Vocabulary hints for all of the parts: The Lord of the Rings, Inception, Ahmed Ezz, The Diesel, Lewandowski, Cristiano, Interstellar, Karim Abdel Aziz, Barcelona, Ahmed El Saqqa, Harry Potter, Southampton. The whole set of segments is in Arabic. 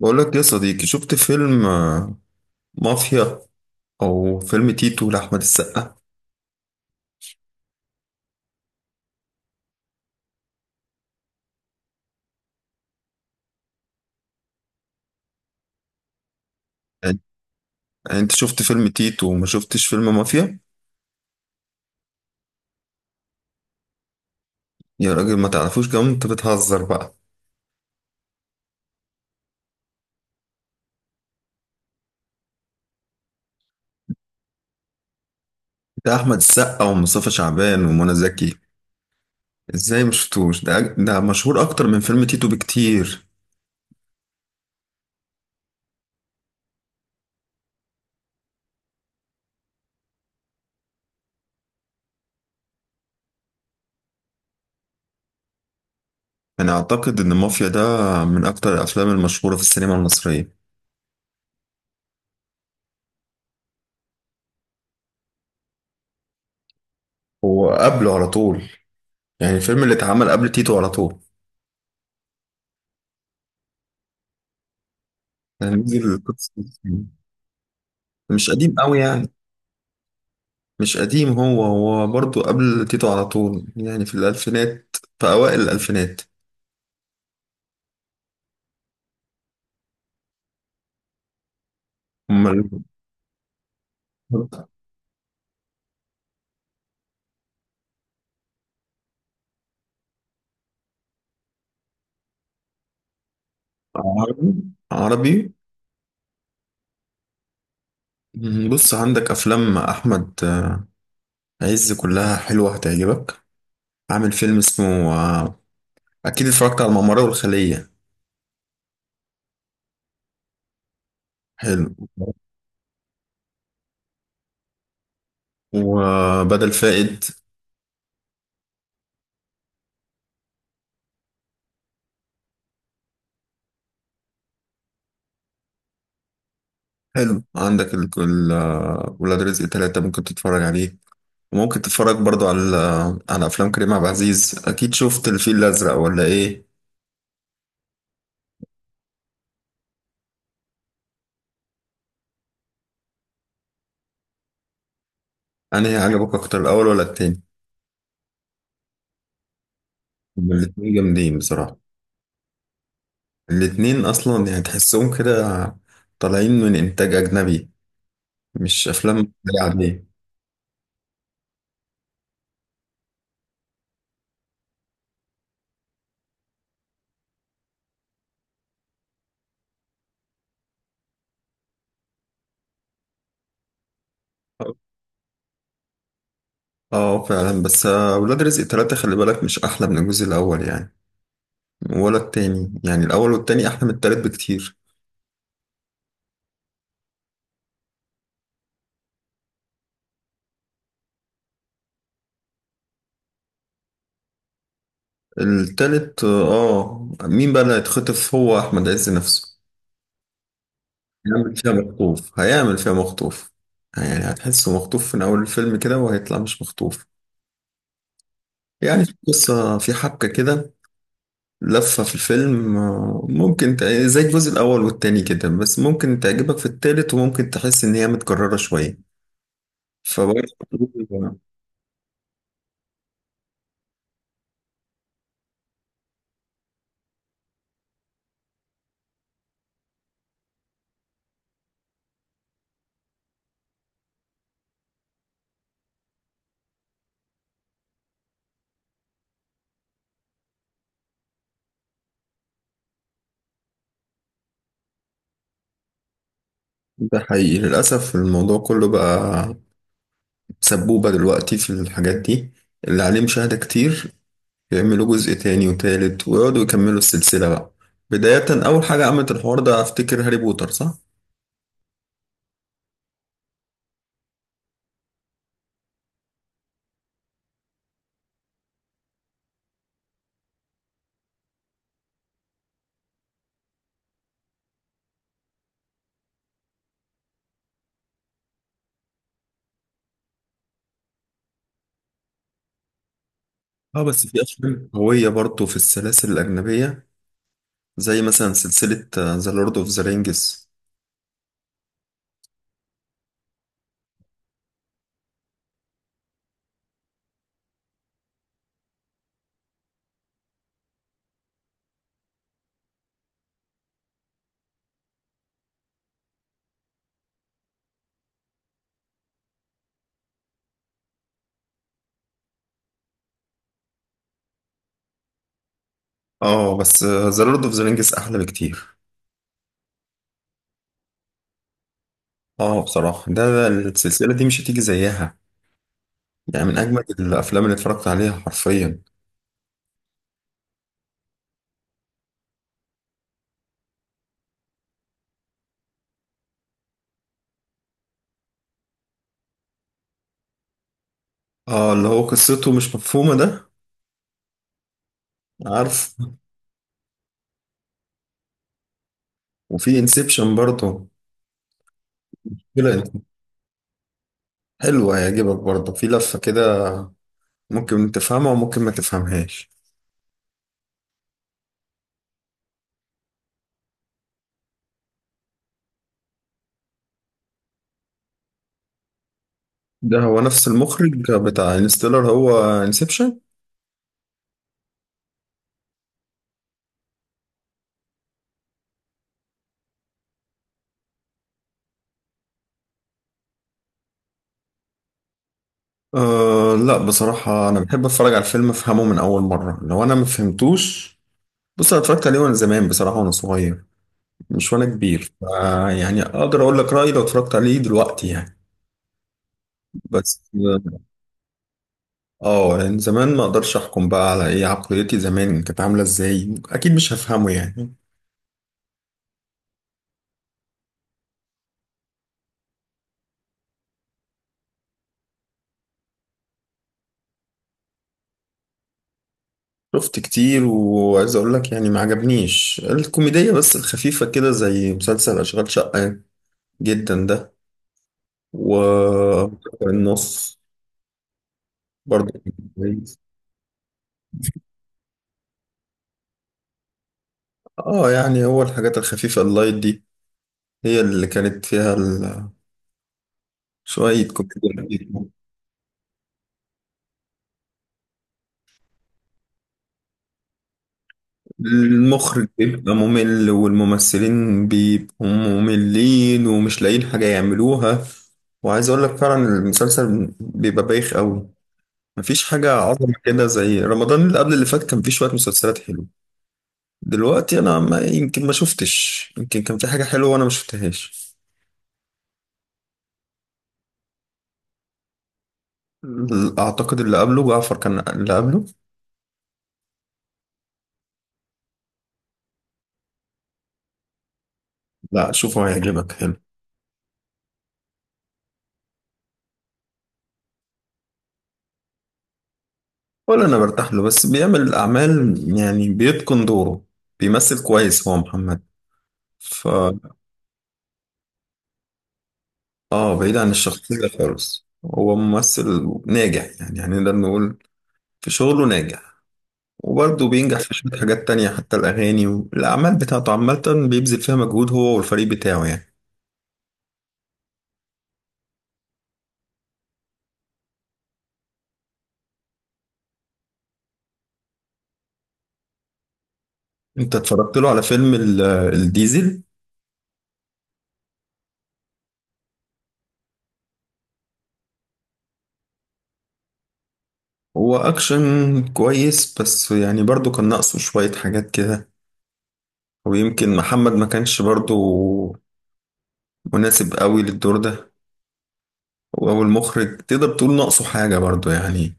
بقول لك يا صديقي، شفت فيلم مافيا او فيلم تيتو لاحمد السقا؟ يعني يعني انت شفت فيلم تيتو وما شفتش فيلم مافيا؟ يا راجل ما تعرفوش؟ كمان انت بتهزر بقى. ده احمد السقا ومصطفى شعبان ومنى زكي. ازاي ما شفتوش؟ ده مشهور اكتر من فيلم تيتو بكتير. انا اعتقد ان مافيا ده من اكتر الافلام المشهورة في السينما المصرية. هو قبله على طول، يعني الفيلم اللي اتعمل قبل تيتو على طول. يعني نزل القدس، مش قديم قوي يعني. مش قديم، هو هو برضه قبل تيتو على طول، يعني في الألفينات، في أوائل الألفينات. أمال. عربي، عربي. بص، عندك أفلام أحمد عز كلها حلوة هتعجبك. عامل فيلم اسمه آه، أكيد اتفرجت على الممر والخلية. حلو. وبدل فائد. حلو. عندك ولاد رزق تلاتة ممكن تتفرج عليه. وممكن تتفرج برضو على على افلام كريم عبد العزيز. اكيد شفت الفيل الازرق ولا ايه؟ انهي عجبك اكتر، الاول ولا التاني؟ هما الاتنين جامدين بصراحه. الاتنين اصلا يعني تحسهم كده طالعين من انتاج اجنبي، مش افلام عاديه. اه فعلا، بس ولاد رزق تلاتة خلي بالك مش احلى من الجزء الاول يعني ولا التاني. يعني الاول والتاني احلى من التالت بكتير. التالت، اه. مين بقى اللي هيتخطف؟ هو احمد عز نفسه. هيعمل فيها مخطوف، هيعمل فيها مخطوف، يعني هتحسه مخطوف من أول الفيلم كده وهيطلع مش مخطوف. يعني في قصة، في حبكة كده، لفة في الفيلم. زي الجزء الأول والتاني كده، بس ممكن تعجبك في التالت وممكن تحس إن هي متكررة شوية. فبرضه ده حقيقي للأسف. الموضوع كله بقى سبوبة دلوقتي في الحاجات دي اللي عليه مشاهدة كتير. يعملوا جزء تاني وتالت ويقعدوا يكملوا السلسلة بقى. بداية أول حاجة عملت الحوار ده أفتكر هاري بوتر، صح؟ اه، بس في أفلام قوية برضه في السلاسل الأجنبية، زي مثلا سلسلة ذا لورد أوف ذا رينجز. اه بس ذا لورد أوف ذا رينجز أحلى بكتير. اه بصراحة ده، ده السلسلة دي مش هتيجي زيها. يعني من أجمل الأفلام اللي اتفرجت عليها حرفيا. اه اللي هو قصته مش مفهومة ده. عارف. وفي انسبشن برضه. لا، حلوة هيعجبك برضه، في لفة كده، ممكن تفهمها وممكن ما تفهمهاش. ده هو نفس المخرج بتاع انستيلر، هو انسبشن. آه لا، بصراحة أنا بحب أتفرج على الفيلم أفهمه من أول مرة لو أنا ما فهمتوش. بص، أنا اتفرجت عليه وأنا زمان بصراحة، وأنا صغير مش وأنا كبير، آه يعني أقدر أقول لك رأيي لو اتفرجت عليه دلوقتي يعني. بس آه يعني زمان ما أقدرش أحكم بقى على إيه عقليتي زمان كانت عاملة إزاي. أكيد مش هفهمه يعني. شفت كتير، وعايز اقول لك يعني ما عجبنيش الكوميدية بس الخفيفة كده زي مسلسل اشغال شقة جدا ده. و النص برضه كان كويس. اه يعني هو الحاجات الخفيفة اللايت دي هي اللي كانت فيها شوية كوميديا كتير. المخرج بيبقى ممل والممثلين بيبقوا مملين ومش لاقيين حاجة يعملوها. وعايز اقول لك فعلا المسلسل بيبقى بايخ قوي. مفيش حاجة عظمة كده. زي رمضان اللي قبل اللي فات كان فيه شوية مسلسلات حلوة. دلوقتي أنا ما يمكن ما شفتش، يمكن كان في حاجة حلوة وأنا ما شفتهاش. أعتقد اللي قبله جعفر، كان اللي قبله. لا شوفه هيعجبك، حلو. ولا أنا برتاح له، بس بيعمل الأعمال يعني، بيتقن دوره، بيمثل كويس هو محمد. ف آه بعيد عن الشخصية خالص هو ممثل ناجح يعني، يعني نقدر نقول في شغله ناجح. وبرضه بينجح في شوية حاجات تانية، حتى الأغاني والأعمال بتاعته عامة بيبذل فيها مجهود هو والفريق بتاعه يعني. أنت اتفرجت له على فيلم الديزل؟ هو أكشن كويس، بس يعني برضه كان ناقصه شوية حاجات كده. ويمكن محمد ما كانش برضه مناسب قوي للدور ده، أو المخرج تقدر تقول ناقصه حاجة برضه يعني.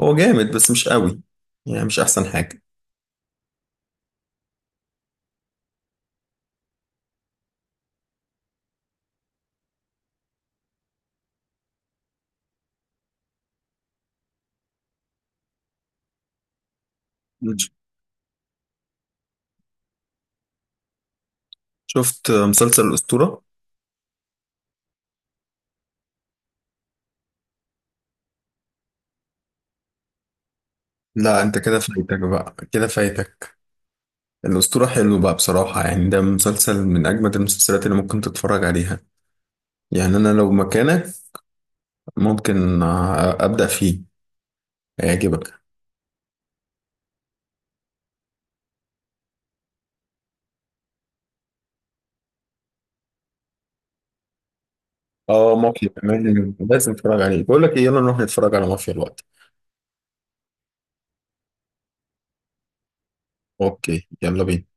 هو جامد بس مش قوي، يعني مش أحسن حاجة. مم. شفت مسلسل الأسطورة؟ لا أنت كده فايتك بقى، كده فايتك. الأسطورة حلو بقى بصراحة، يعني ده مسلسل من أجمد المسلسلات اللي ممكن تتفرج عليها. يعني أنا لو مكانك ممكن أبدأ فيه، هيعجبك. اه مافيا كمان لازم تتفرج عليه. بقول لك إيه، يلا نروح نتفرج على مافيا الوقت. أوكي، يلا بينا.